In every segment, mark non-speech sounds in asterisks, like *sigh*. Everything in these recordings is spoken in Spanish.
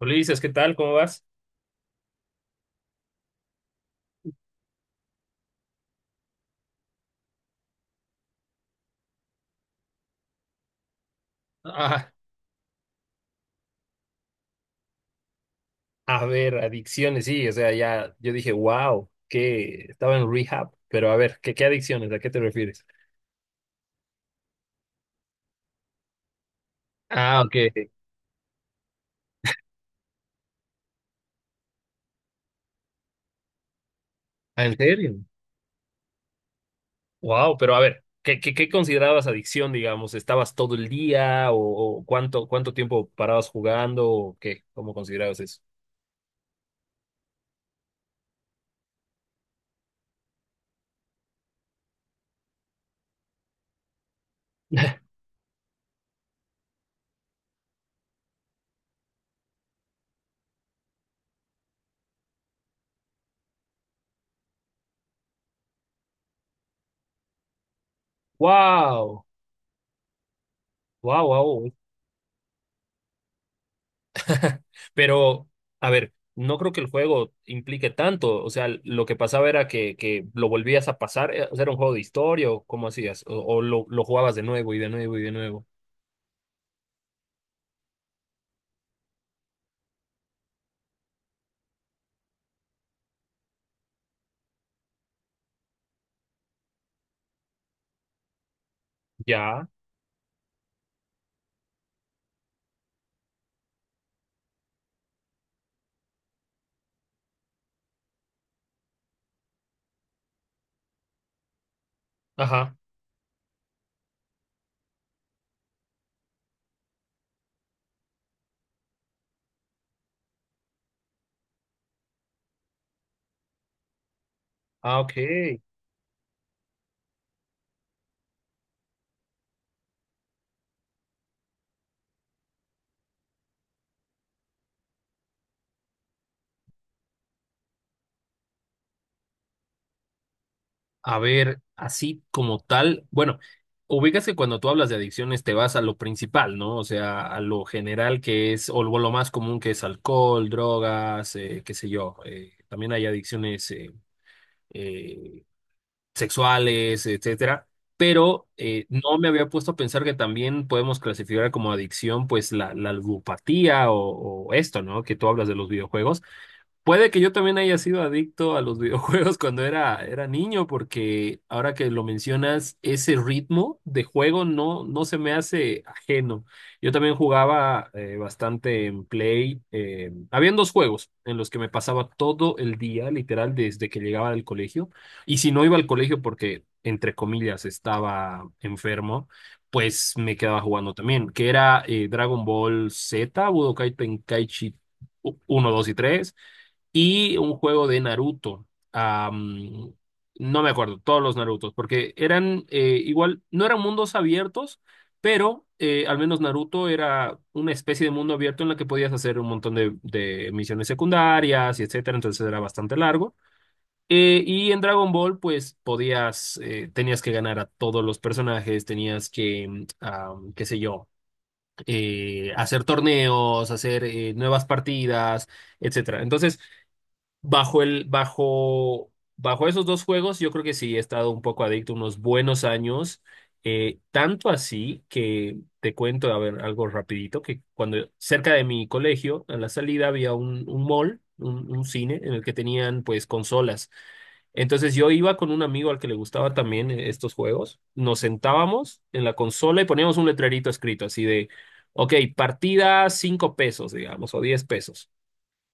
Ulises, ¿qué tal? ¿Cómo vas? Ah, a ver, adicciones, sí, o sea, ya yo dije, wow, que estaba en rehab, pero a ver, ¿qué adicciones? ¿A qué te refieres? Ah, ok. Ah, ¿en serio? Wow, pero a ver, ¿qué considerabas adicción, digamos? ¿Estabas todo el día o cuánto tiempo parabas jugando o qué? ¿Cómo considerabas eso? *laughs* Wow, wow, wow, pero, a ver, no creo que el juego implique tanto. O sea, lo que pasaba era que lo volvías a pasar. O sea, era un juego de historia o cómo hacías. O lo jugabas de nuevo y de nuevo y de nuevo. Ya. Ajá. Ah, ok. A ver, así como tal. Bueno, ubicas que cuando tú hablas de adicciones te vas a lo principal, ¿no? O sea, a lo general que es, o lo más común que es alcohol, drogas, qué sé yo. También hay adicciones. Eh, Sexuales, etcétera, pero no me había puesto a pensar que también podemos clasificar como adicción pues la ludopatía o esto, ¿no? Que tú hablas de los videojuegos. Puede que yo también haya sido adicto a los videojuegos *laughs* cuando era niño, porque ahora que lo mencionas, ese ritmo de juego no se me hace ajeno. Yo también jugaba bastante en Play. Habían dos juegos en los que me pasaba todo el día, literal, desde que llegaba del colegio. Y si no iba al colegio porque, entre comillas, estaba enfermo, pues me quedaba jugando también, que era Dragon Ball Z, Budokai Tenkaichi uno, 2 y tres, y un juego de Naruto. Am, no me acuerdo, todos los Narutos, porque eran igual, no eran mundos abiertos, pero al menos Naruto era una especie de mundo abierto en la que podías hacer un montón de misiones secundarias y etcétera, entonces era bastante largo. Y en Dragon Ball, pues podías, tenías que ganar a todos los personajes, tenías que, qué sé yo, hacer torneos, hacer nuevas partidas, etcétera. Entonces, bajo esos dos juegos, yo creo que sí he estado un poco adicto unos buenos años. Tanto así que te cuento, a ver, algo rapidito, que cuando cerca de mi colegio, a la salida había un mall, un cine en el que tenían pues consolas. Entonces yo iba con un amigo al que le gustaba también estos juegos, nos sentábamos en la consola y poníamos un letrerito escrito así de, ok, partida 5 pesos, digamos, o 10 pesos.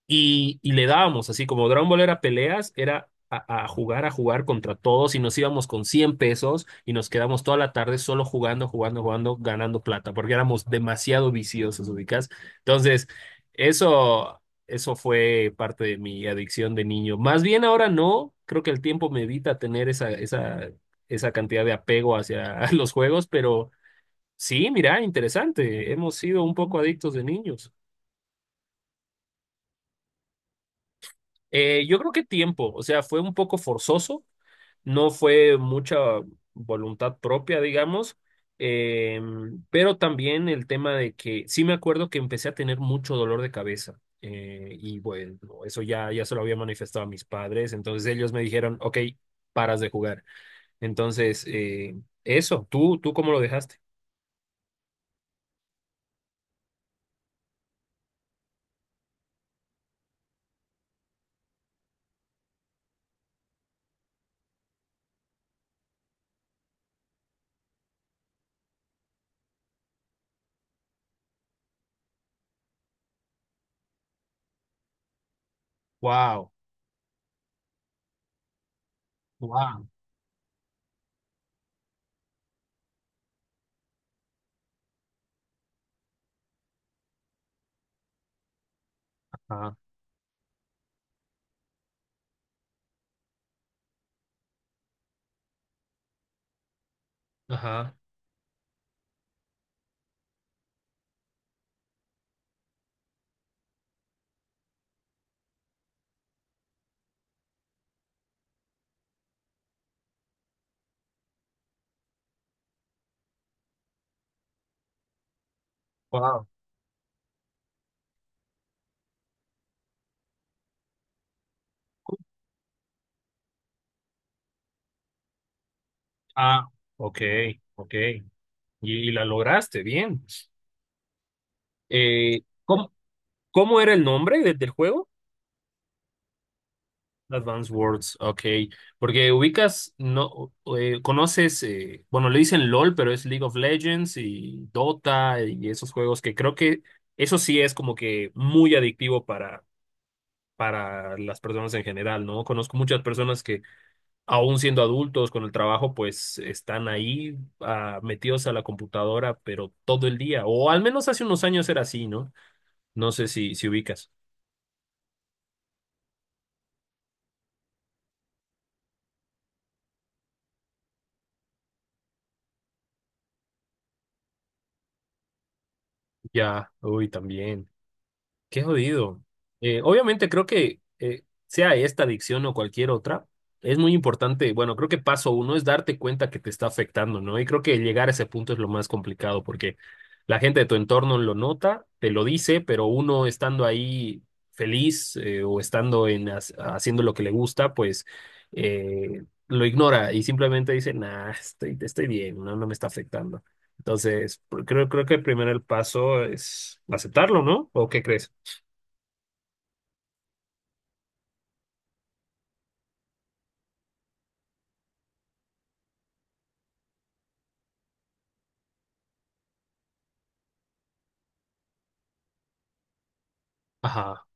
Y le dábamos, así como Dragon Ball era peleas, era a jugar contra todos y nos íbamos con 100 pesos y nos quedamos toda la tarde solo jugando, jugando, jugando, ganando plata, porque éramos demasiado viciosos, ubicás. Entonces, eso, eso, fue parte de mi adicción de niño. Más bien ahora no, creo que el tiempo me evita tener esa cantidad de apego hacia *laughs* los juegos, pero sí, mira, interesante, hemos sido un poco adictos de niños. Yo creo que tiempo, o sea, fue un poco forzoso, no fue mucha voluntad propia, digamos, eh, pero también el tema de que sí me acuerdo que empecé a tener mucho dolor de cabeza y bueno, eso ya, ya se lo había manifestado a mis padres, entonces ellos me dijeron, ok, paras de jugar. Entonces, eso, ¿tú cómo lo dejaste? Wow, wow, ajá, ajá, wow, ah, ok, ok, y la lograste, bien. Eh, ¿cómo, cómo era el nombre del juego? Advance Wars, ok. Porque ubicas, no, conoces, bueno, le dicen LOL, pero es League of Legends y Dota y esos juegos que creo que eso sí es como que muy adictivo para las personas en general, ¿no? Conozco muchas personas que aún siendo adultos con el trabajo, pues están ahí ah, metidos a la computadora, pero todo el día, o al menos hace unos años era así, ¿no? No sé si ubicas. Ya, uy, también. Qué jodido. Obviamente creo que sea esta adicción o cualquier otra, es muy importante, bueno, creo que paso uno es darte cuenta que te está afectando, ¿no? Y creo que llegar a ese punto es lo más complicado porque la gente de tu entorno lo nota, te lo dice, pero uno estando ahí feliz o estando haciendo lo que le gusta, pues lo ignora y simplemente dice, nah, estoy, estoy bien, no me está afectando. Entonces, creo que primero el paso es aceptarlo, ¿no? ¿O qué crees? Ajá,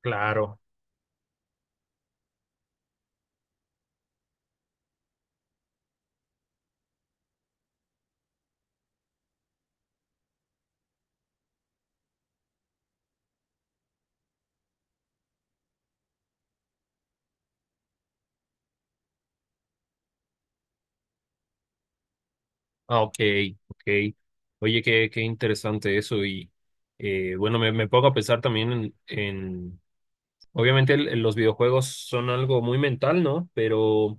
claro. Ah, ok, ok. Oye, qué, qué interesante eso. Y bueno, me, pongo a pensar también obviamente los videojuegos son algo muy mental, ¿no? Pero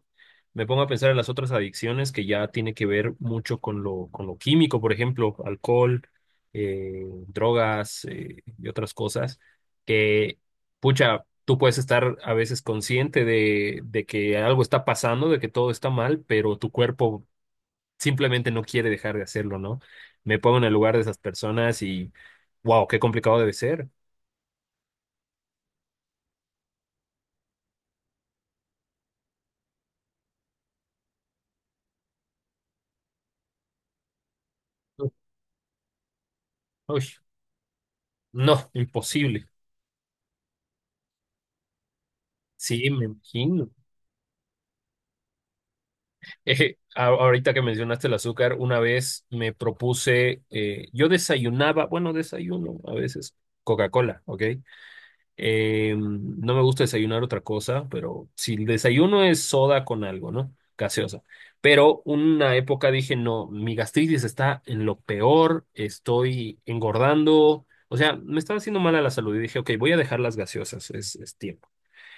me pongo a pensar en las otras adicciones que ya tiene que ver mucho con lo, químico, por ejemplo, alcohol, eh, drogas y otras cosas, que, pucha, tú puedes estar a veces consciente de que algo está pasando, de que todo está mal, pero tu cuerpo simplemente no quiere dejar de hacerlo, ¿no? Me pongo en el lugar de esas personas y, wow, qué complicado debe ser. Uy, no, imposible. Sí, me imagino. *laughs* Ahorita que mencionaste el azúcar, una vez me propuse, yo desayunaba, bueno, desayuno a veces, Coca-Cola, ¿ok? No me gusta desayunar otra cosa, pero si el desayuno es soda con algo, ¿no? Gaseosa. Pero una época dije, no, mi gastritis está en lo peor, estoy engordando, o sea, me estaba haciendo mal a la salud y dije, ok, voy a dejar las gaseosas, es tiempo.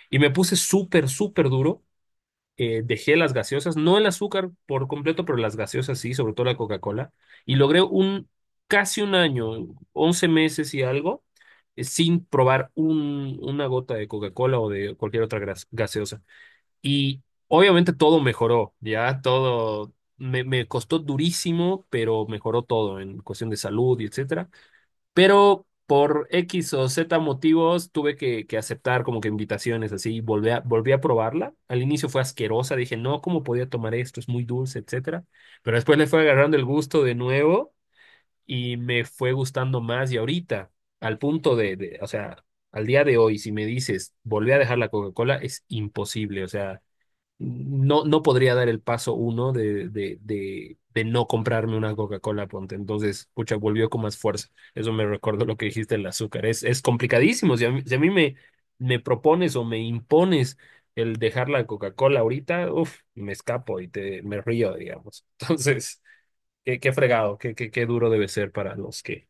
Y me puse súper, súper duro, dejé las gaseosas, no el azúcar por completo, pero las gaseosas sí, sobre todo la Coca-Cola, y logré un casi un año, 11 meses y algo, sin probar una gota de Coca-Cola o de cualquier otra gaseosa. Y obviamente todo mejoró, ya todo me costó durísimo, pero mejoró todo en cuestión de salud y etcétera. Pero por X o Z motivos tuve que aceptar como que invitaciones así. Volví a probarla. Al inicio fue asquerosa. Dije, no, ¿cómo podía tomar esto? Es muy dulce, etcétera. Pero después le fue agarrando el gusto de nuevo y me fue gustando más. Y ahorita, al punto o sea, al día de hoy, si me dices, volví a dejar la Coca-Cola, es imposible. O sea, no, no podría dar el paso uno de, de no comprarme una Coca-Cola, ponte. Entonces, pucha, volvió con más fuerza. Eso me recordó lo que dijiste del azúcar. Es complicadísimo. Si a mí me propones o me impones el dejar la Coca-Cola ahorita, uff, me escapo y te, me río, digamos. *laughs* Entonces, qué fregado, qué duro debe ser para los que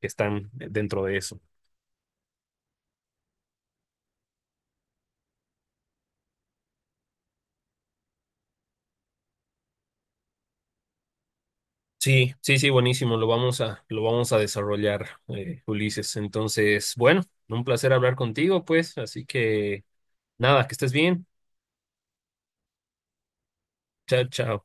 que están dentro de eso. Sí, sí, sí, buenísimo. Lo vamos a desarrollar, Ulises. Entonces, bueno, un placer hablar contigo, pues. Así que nada, que estés bien. Chao, chao.